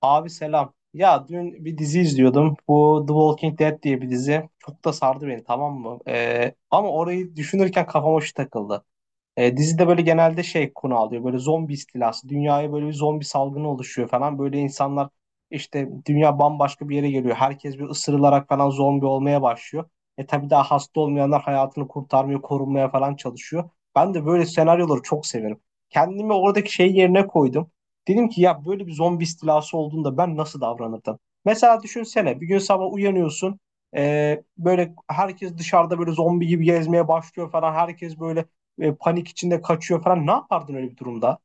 Abi selam. Ya dün bir dizi izliyordum. Bu The Walking Dead diye bir dizi. Çok da sardı beni, tamam mı? Ama orayı düşünürken kafama şu takıldı. Dizide böyle genelde şey konu alıyor. Böyle zombi istilası. Dünyaya böyle bir zombi salgını oluşuyor falan. Böyle insanlar işte dünya bambaşka bir yere geliyor. Herkes bir ısırılarak falan zombi olmaya başlıyor. Tabii daha hasta olmayanlar hayatını kurtarmaya, korunmaya falan çalışıyor. Ben de böyle senaryoları çok severim. Kendimi oradaki şey yerine koydum. Dedim ki ya böyle bir zombi istilası olduğunda ben nasıl davranırdım? Mesela düşünsene bir gün sabah uyanıyorsun. Böyle herkes dışarıda böyle zombi gibi gezmeye başlıyor falan. Herkes böyle panik içinde kaçıyor falan. Ne yapardın öyle bir durumda?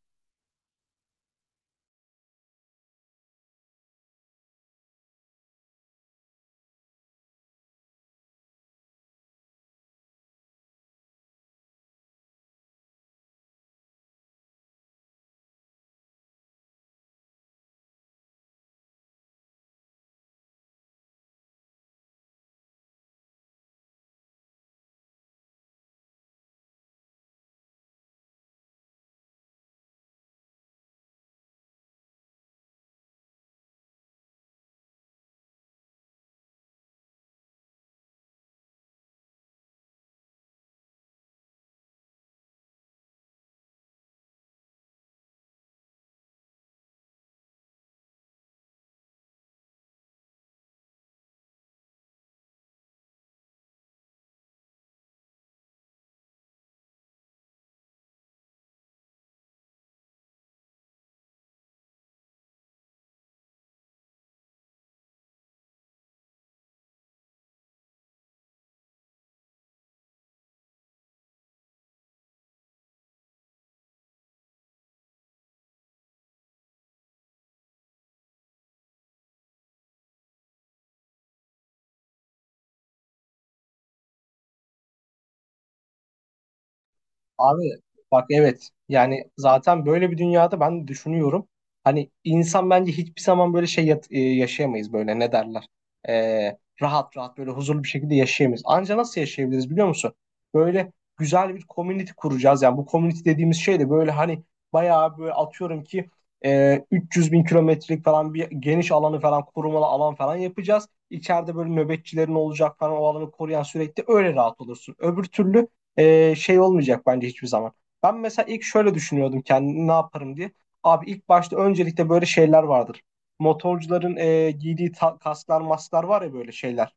Abi bak, evet, yani zaten böyle bir dünyada ben düşünüyorum. Hani insan bence hiçbir zaman böyle yaşayamayız, böyle ne derler. Rahat rahat böyle huzurlu bir şekilde yaşayamayız. Anca nasıl yaşayabiliriz biliyor musun? Böyle güzel bir community kuracağız. Yani bu community dediğimiz şey de böyle hani bayağı böyle, atıyorum ki, 300 bin kilometrelik falan bir geniş alanı falan korumalı alan falan yapacağız. İçeride böyle nöbetçilerin olacak falan, o alanı koruyan, sürekli öyle rahat olursun. Öbür türlü şey olmayacak bence hiçbir zaman. Ben mesela ilk şöyle düşünüyordum, kendimi ne yaparım diye. Abi ilk başta öncelikle böyle şeyler vardır. Motorcuların giydiği kasklar masklar var ya, böyle şeyler,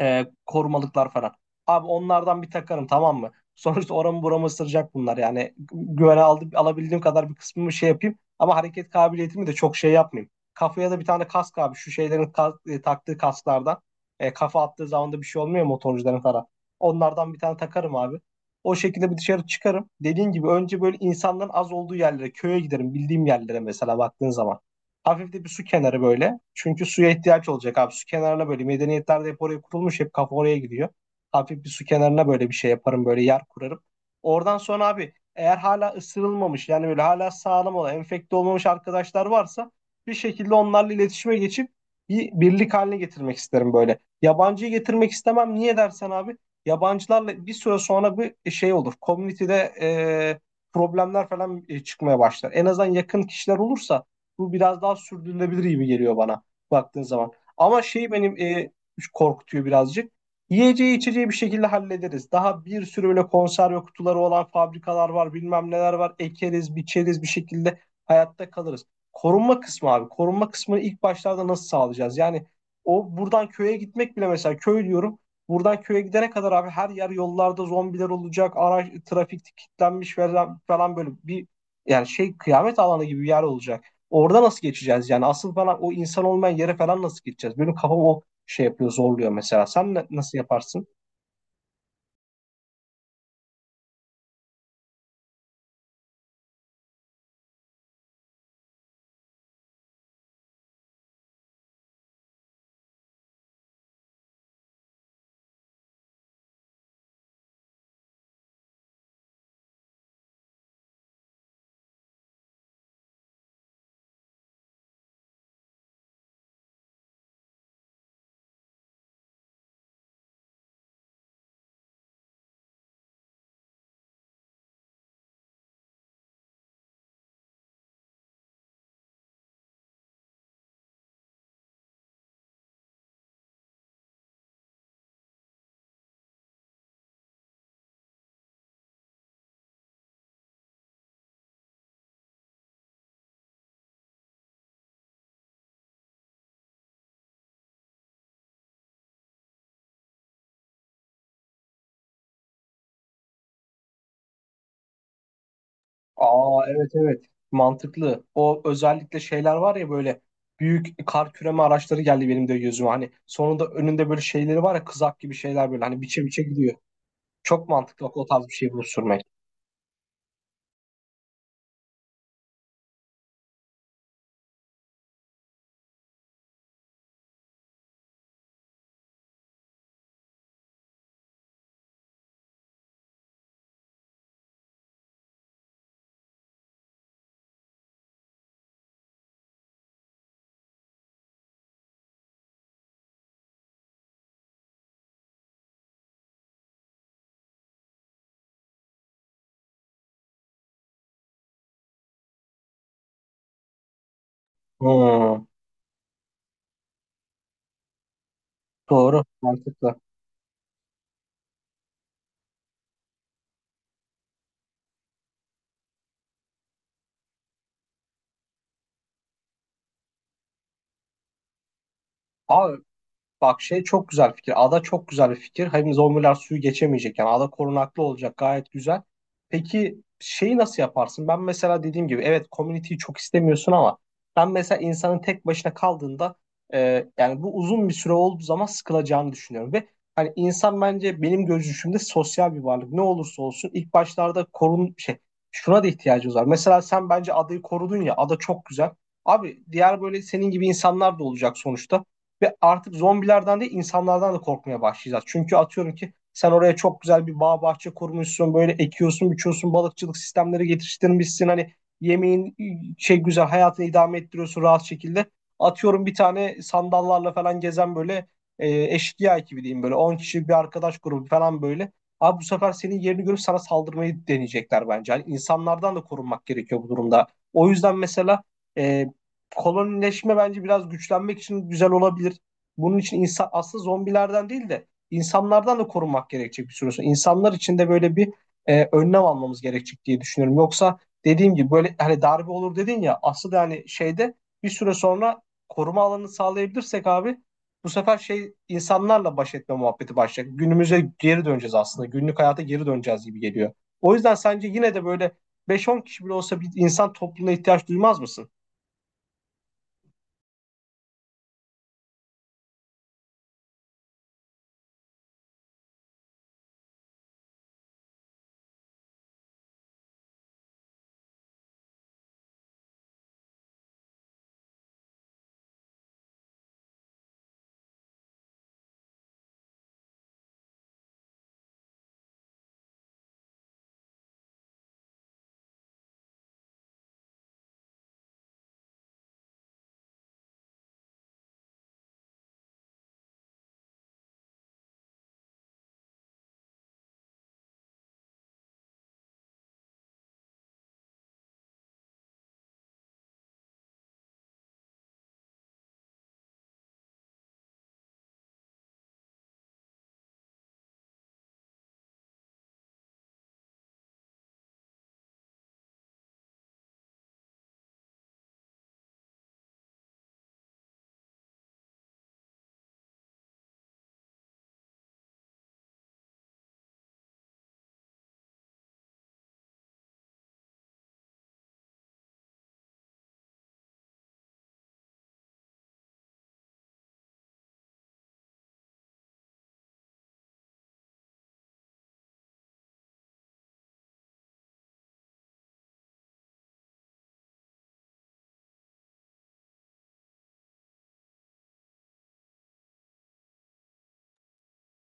korumalıklar falan. Abi onlardan bir takarım, tamam mı? Sonuçta oramı buramı ısıracak bunlar yani. Güvene aldım, alabildiğim kadar bir kısmımı şey yapayım. Ama hareket kabiliyetimi de çok şey yapmayayım. Kafaya da bir tane kask abi. Şu şeylerin, taktığı kasklardan. Kafa attığı zaman da bir şey olmuyor motorcuların falan. Onlardan bir tane takarım abi. O şekilde bir dışarı çıkarım. Dediğin gibi önce böyle insanların az olduğu yerlere, köye giderim. Bildiğim yerlere, mesela, baktığın zaman. Hafif de bir su kenarı böyle. Çünkü suya ihtiyaç olacak abi. Su kenarına böyle, medeniyetlerde hep oraya kurulmuş. Hep kafa oraya gidiyor. Hafif bir su kenarına böyle bir şey yaparım. Böyle yer kurarım. Oradan sonra abi, eğer hala ısırılmamış, yani böyle hala sağlam olan, enfekte olmamış arkadaşlar varsa bir şekilde onlarla iletişime geçip bir birlik haline getirmek isterim böyle. Yabancıyı getirmek istemem. Niye dersen abi, yabancılarla bir süre sonra bir şey olur. Komünitede e, problemler falan çıkmaya başlar. En azından yakın kişiler olursa bu biraz daha sürdürülebilir gibi geliyor bana, baktığın zaman. Ama şey benim, korkutuyor birazcık. Yiyeceği içeceği bir şekilde hallederiz. Daha bir sürü böyle konserve kutuları olan fabrikalar var, bilmem neler var. Ekeriz, biçeriz, bir şekilde hayatta kalırız. Korunma kısmı abi. Korunma kısmını ilk başlarda nasıl sağlayacağız? Yani o, buradan köye gitmek bile, mesela köy diyorum. Buradan köye gidene kadar abi, her yer, yollarda zombiler olacak. Araç trafik kilitlenmiş falan, falan, böyle bir yani şey kıyamet alanı gibi bir yer olacak. Orada nasıl geçeceğiz yani? Asıl bana o insan olmayan yere falan nasıl geçeceğiz? Benim kafam o şey yapıyor, zorluyor mesela. Nasıl yaparsın? Aa, evet, evet. Mantıklı. O özellikle şeyler var ya böyle, büyük kar küreme araçları geldi benim de gözüme. Hani sonunda önünde böyle şeyleri var ya, kızak gibi şeyler böyle, hani biçe biçe gidiyor. Çok mantıklı o tarz bir şey bulup sürmek. Hmm, doğru, mantıklı. Aa, bak, şey, çok güzel fikir. Ada çok güzel bir fikir. Hem zombiler suyu geçemeyecek. Yani ada korunaklı olacak. Gayet güzel. Peki şeyi nasıl yaparsın? Ben mesela dediğim gibi, evet, community'yi çok istemiyorsun ama ben mesela insanın tek başına kaldığında, yani bu uzun bir süre olduğu zaman sıkılacağını düşünüyorum. Ve hani insan, bence benim görüşümde, sosyal bir varlık. Ne olursa olsun ilk başlarda korun şey şuna da ihtiyacımız var. Mesela sen bence adayı korudun ya, ada çok güzel. Abi diğer böyle senin gibi insanlar da olacak sonuçta. Ve artık zombilerden değil, insanlardan da korkmaya başlayacağız. Çünkü atıyorum ki sen oraya çok güzel bir bağ bahçe kurmuşsun. Böyle ekiyorsun, biçiyorsun, balıkçılık sistemleri geliştirmişsin. Hani yemeğin, güzel, hayatını idame ettiriyorsun rahat şekilde. Atıyorum bir tane sandallarla falan gezen böyle eşkıya ekibi diyeyim, böyle 10 kişilik bir arkadaş grubu falan böyle. Abi bu sefer senin yerini görüp sana saldırmayı deneyecekler bence. Hani insanlardan da korunmak gerekiyor bu durumda. O yüzden mesela e, kolonileşme bence biraz güçlenmek için güzel olabilir. Bunun için insan aslında zombilerden değil de insanlardan da korunmak gerekecek bir süre sonra. İnsanlar için de böyle bir önlem almamız gerekecek diye düşünüyorum. Yoksa dediğim gibi, böyle hani darbe olur dedin ya, aslında hani şeyde, bir süre sonra koruma alanı sağlayabilirsek abi, bu sefer şey insanlarla baş etme muhabbeti başlayacak. Günümüze geri döneceğiz aslında. Günlük hayata geri döneceğiz gibi geliyor. O yüzden sence yine de böyle, beş on kişi bile olsa, bir insan topluluğuna ihtiyaç duymaz mısın?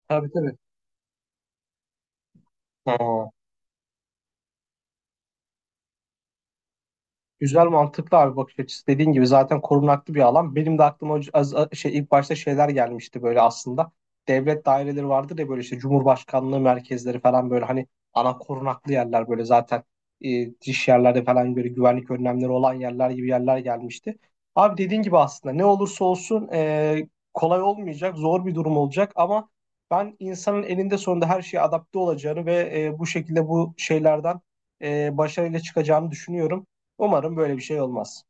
Tabii, tabii. Ha. Güzel, mantıklı abi bakış açısı. Dediğin gibi zaten korunaklı bir alan. Benim de aklıma ilk başta şeyler gelmişti böyle aslında. Devlet daireleri vardır ya böyle, işte Cumhurbaşkanlığı merkezleri falan, böyle hani ana korunaklı yerler böyle zaten, dış yerlerde falan böyle güvenlik önlemleri olan yerler, gibi yerler gelmişti. Abi dediğin gibi, aslında ne olursa olsun kolay olmayacak, zor bir durum olacak ama ben insanın elinde sonunda her şeye adapte olacağını ve bu şekilde bu şeylerden başarıyla çıkacağını düşünüyorum. Umarım böyle bir şey olmaz.